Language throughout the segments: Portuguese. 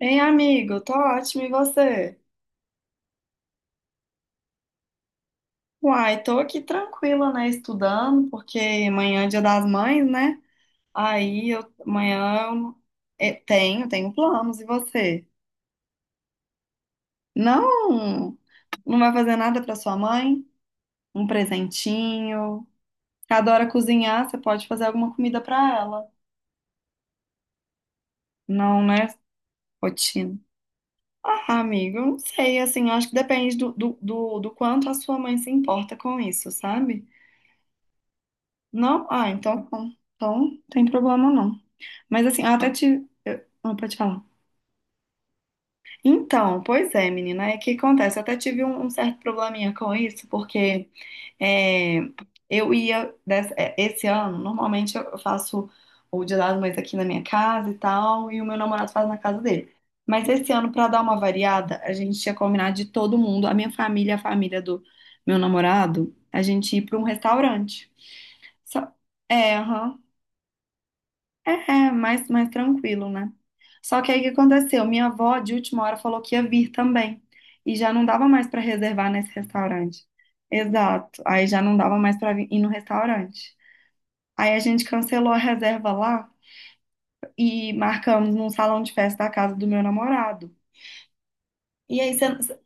Ei, amigo, tô ótimo, e você? Uai, tô aqui tranquila, né, estudando, porque amanhã é Dia das Mães, né? Aí eu amanhã eu eh, Tenho, tenho planos, e você? Não, não vai fazer nada pra sua mãe? Um presentinho? Você adora cozinhar, você pode fazer alguma comida pra ela. Não, né? Rotina. Ah, amigo, eu não sei, assim, eu acho que depende do quanto a sua mãe se importa com isso, sabe? Não? Ah, então, tá bom, então não tem problema não. Mas assim, eu até tive. Não, pode falar. Então, pois é, menina, é que acontece. Eu até tive um, um certo probleminha com isso, porque é, esse ano, normalmente eu faço o Dia das Mães aqui na minha casa e tal, e o meu namorado faz na casa dele. Mas esse ano, pra dar uma variada, a gente tinha combinado de todo mundo, a minha família, a família do meu namorado, a gente ir pra um restaurante. Só- É, aham. É, mais tranquilo, né? Só que aí o que aconteceu? Minha avó, de última hora, falou que ia vir também. E já não dava mais para reservar nesse restaurante. Exato. Aí já não dava mais para ir no restaurante. Aí a gente cancelou a reserva lá e marcamos num salão de festa da casa do meu namorado. E aí, cê-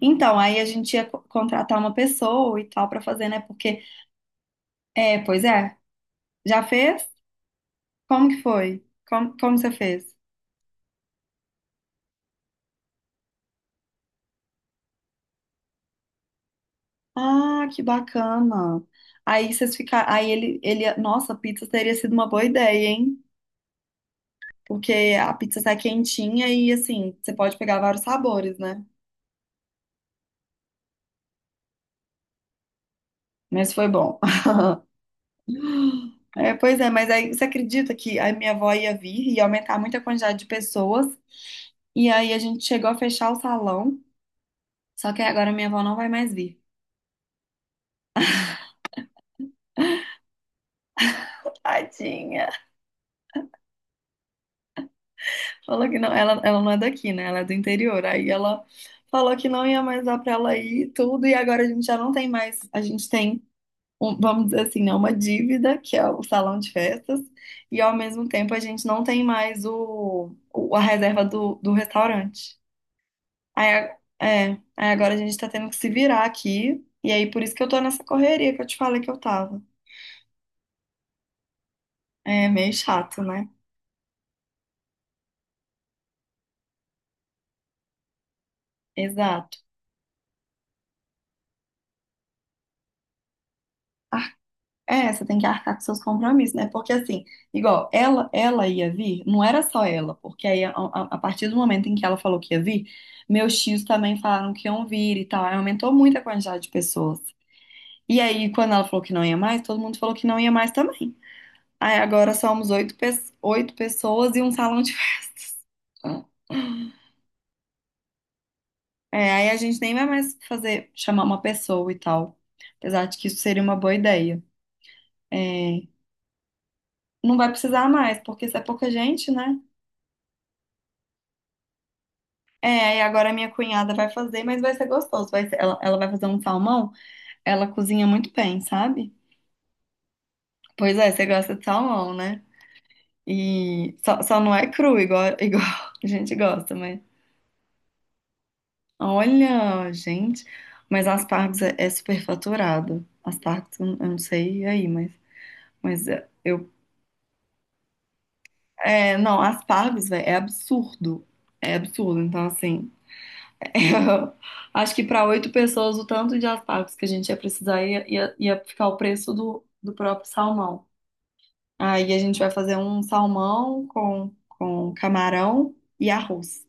então, aí a gente ia contratar uma pessoa e tal para fazer, né? Porque, é, pois é, já fez? Como que foi? Como você fez? Ah, que bacana. Aí vocês ficaram. Aí ele, ele. Nossa, pizza teria sido uma boa ideia, hein? Porque a pizza sai quentinha e assim, você pode pegar vários sabores, né? Mas foi bom. É, pois é, mas aí você acredita que a minha avó ia vir e ia aumentar muito a quantidade de pessoas? E aí a gente chegou a fechar o salão. Só que agora minha avó não vai mais vir. Tadinha. Falou que não, ela não é daqui, né? Ela é do interior. Aí ela falou que não ia mais dar pra ela ir e tudo, e agora a gente já não tem mais, a gente tem, vamos dizer assim, né, uma dívida, que é o salão de festas, e ao mesmo tempo a gente não tem mais a reserva do restaurante. Aí, a- é, Aí agora a gente tá tendo que se virar aqui, e aí por isso que eu tô nessa correria que eu te falei que eu tava. É meio chato, né? Exato. É, você tem que arcar com seus compromissos, né? Porque assim, igual, ela ia vir, não era só ela, porque a partir do momento em que ela falou que ia vir, meus tios também falaram que iam vir e tal. Aí aumentou muito a quantidade de pessoas. E aí, quando ela falou que não ia mais, todo mundo falou que não ia mais também. Aí agora somos oito, oito pessoas e um salão de festas. É, aí a gente nem vai mais fazer, chamar uma pessoa e tal. Apesar de que isso seria uma boa ideia. É, não vai precisar mais, porque se é pouca gente, né? É, e agora a minha cunhada vai fazer, mas vai ser gostoso. Ela vai fazer um salmão, ela cozinha muito bem, sabe? Pois é, você gosta de salmão, né? E só não é cru, igual, igual a gente gosta, mas. Olha, gente, mas aspargos é superfaturado. Aspargos, eu não sei aí, mas é, eu. É, não, aspargos, velho, é absurdo. É absurdo, então assim. Eu acho que para oito pessoas, o tanto de aspargos que a gente ia precisar ia ficar o preço do próprio salmão. Aí a gente vai fazer um salmão com camarão e arroz.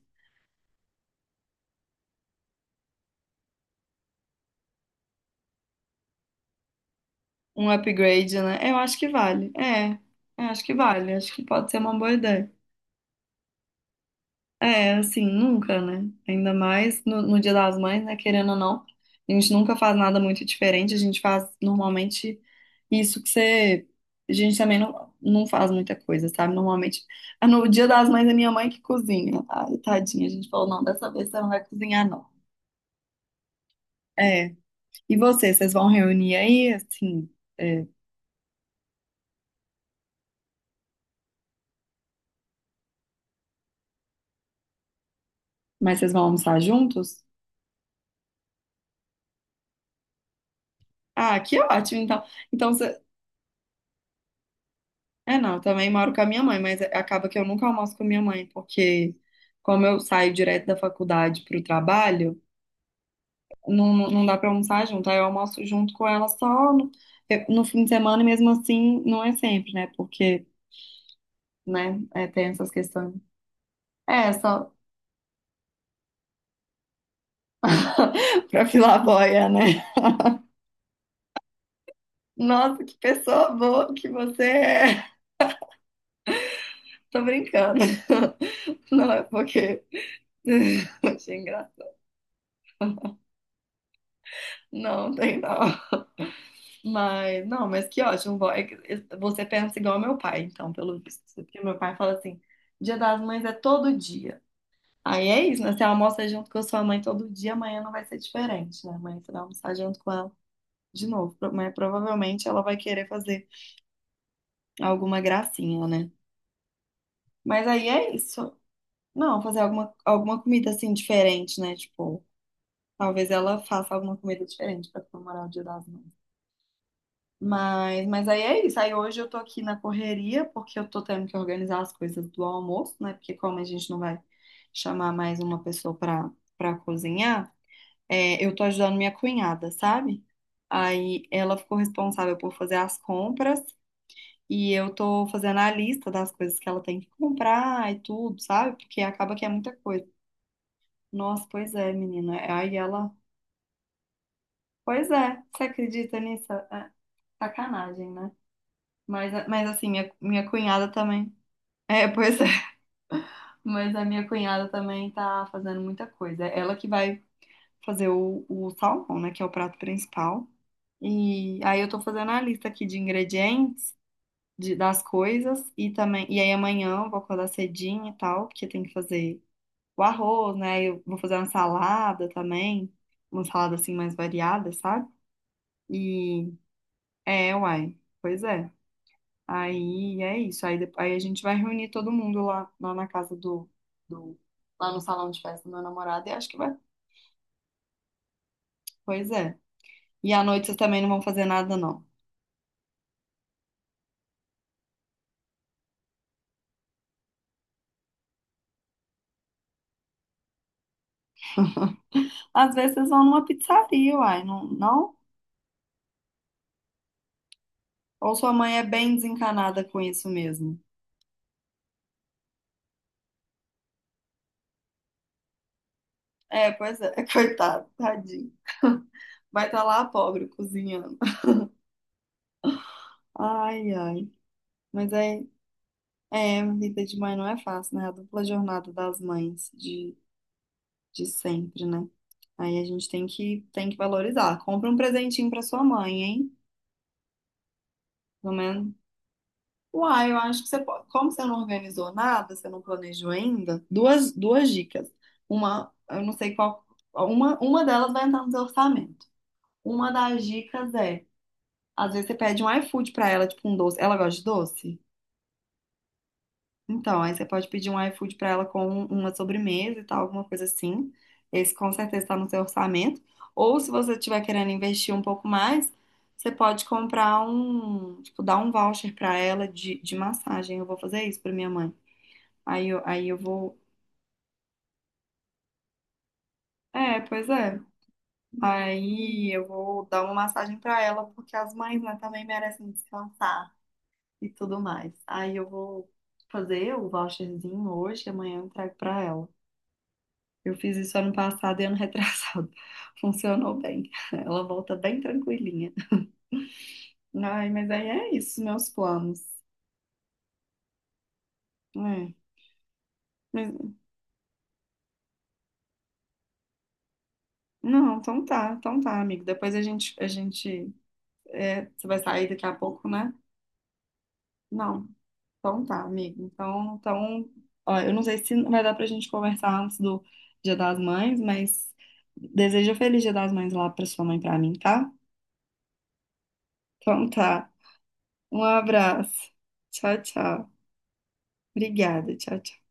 Um upgrade, né? Eu acho que vale. É, eu acho que vale. Acho que pode ser uma boa ideia. É, assim, nunca, né? Ainda mais no Dia das Mães, né? Querendo ou não, a gente nunca faz nada muito diferente, a gente faz normalmente isso que você. A gente também não faz muita coisa, sabe? Normalmente, ah, no Dia das Mães é minha mãe que cozinha. Ai, tadinha, a gente falou, não, dessa vez você não vai cozinhar, não. É, e vocês vão reunir aí, assim, é, mas vocês vão almoçar juntos? Ah, que ótimo, então. Então, É, não, eu também moro com a minha mãe, mas acaba que eu nunca almoço com a minha mãe, porque como eu saio direto da faculdade para o trabalho, não, não dá para almoçar junto. Aí eu almoço junto com ela só no, no fim de semana, e mesmo assim não é sempre, né? Porque, né, é, tem essas questões. É, só pra filar a boia, né? Nossa, que pessoa boa que você é. Tô brincando. Não, é porque... Achei engraçado. Não, tem não. Mas, não, mas que ótimo. Bom, você pensa igual meu pai, então, pelo visto. Porque meu pai fala assim: Dia das Mães é todo dia. Aí é isso, né? Você almoça junto com a sua mãe todo dia, amanhã não vai ser diferente, né? Amanhã você vai almoçar junto com ela de novo. Mas provavelmente ela vai querer fazer alguma gracinha, né? Mas aí é isso. Não, fazer alguma comida assim diferente, né? Tipo, talvez ela faça alguma comida diferente pra comemorar o Dia das Mães. Mas aí é isso. Aí hoje eu tô aqui na correria, porque eu tô tendo que organizar as coisas do almoço, né? Porque como a gente não vai chamar mais uma pessoa pra, pra cozinhar, é, eu tô ajudando minha cunhada, sabe? Aí ela ficou responsável por fazer as compras e eu tô fazendo a lista das coisas que ela tem que comprar e tudo, sabe? Porque acaba que é muita coisa. Nossa, pois é, menina. Aí ela. Pois é, você acredita nisso? É sacanagem, né? Mas assim, minha cunhada também. É, pois é. Mas a minha cunhada também tá fazendo muita coisa. É ela que vai fazer o salmão, né? Que é o prato principal. E aí eu tô fazendo a lista aqui de ingredientes, de, das coisas. E também. E aí amanhã eu vou acordar cedinho e tal, porque tem que fazer o arroz, né? Eu vou fazer uma salada também. Uma salada assim mais variada, sabe? E é, uai. Pois é. Aí é isso. Aí a gente vai reunir todo mundo lá na casa do. Lá no salão de festa do meu namorado e acho que vai. Pois é. E à noite vocês também não vão fazer nada, não. Às vezes vocês vão numa pizzaria, uai, não? Ou sua mãe é bem desencanada com isso mesmo? É, pois é. Coitado, tadinho. Vai estar lá a pobre cozinhando. Ai, ai. Mas é, é, vida de mãe não é fácil, né? A dupla jornada das mães de sempre, né? Aí a gente tem tem que valorizar. Compra um presentinho pra sua mãe, hein? Pelo menos. Uai, eu acho que você pode. Como você não organizou nada, você não planejou ainda, duas dicas. Uma, eu não sei qual. Uma delas vai entrar no seu orçamento. Uma das dicas é, às vezes você pede um iFood pra ela, tipo um doce. Ela gosta de doce? Então, aí você pode pedir um iFood para ela com uma sobremesa e tal, alguma coisa assim. Esse com certeza está no seu orçamento. Ou se você estiver querendo investir um pouco mais, você pode comprar um, tipo, dar um voucher para ela de massagem. Eu vou fazer isso para minha mãe. Aí eu vou. É, pois é. Aí eu vou dar uma massagem para ela, porque as mães, né, também merecem descansar e tudo mais. Aí eu vou fazer o voucherzinho hoje, amanhã eu entrego para ela. Eu fiz isso ano passado e ano retrasado. Funcionou bem. Ela volta bem tranquilinha. Ai, mas aí é isso, meus planos. É. Mas- não, então tá, amigo. Depois a gente, é, você vai sair daqui a pouco, né? Não, então tá, amigo. Então, ó, eu não sei se vai dar pra gente conversar antes do Dia das Mães, mas desejo um feliz Dia das Mães lá pra sua mãe e pra mim, tá? Então tá. Um abraço. Tchau, tchau. Obrigada, tchau, tchau.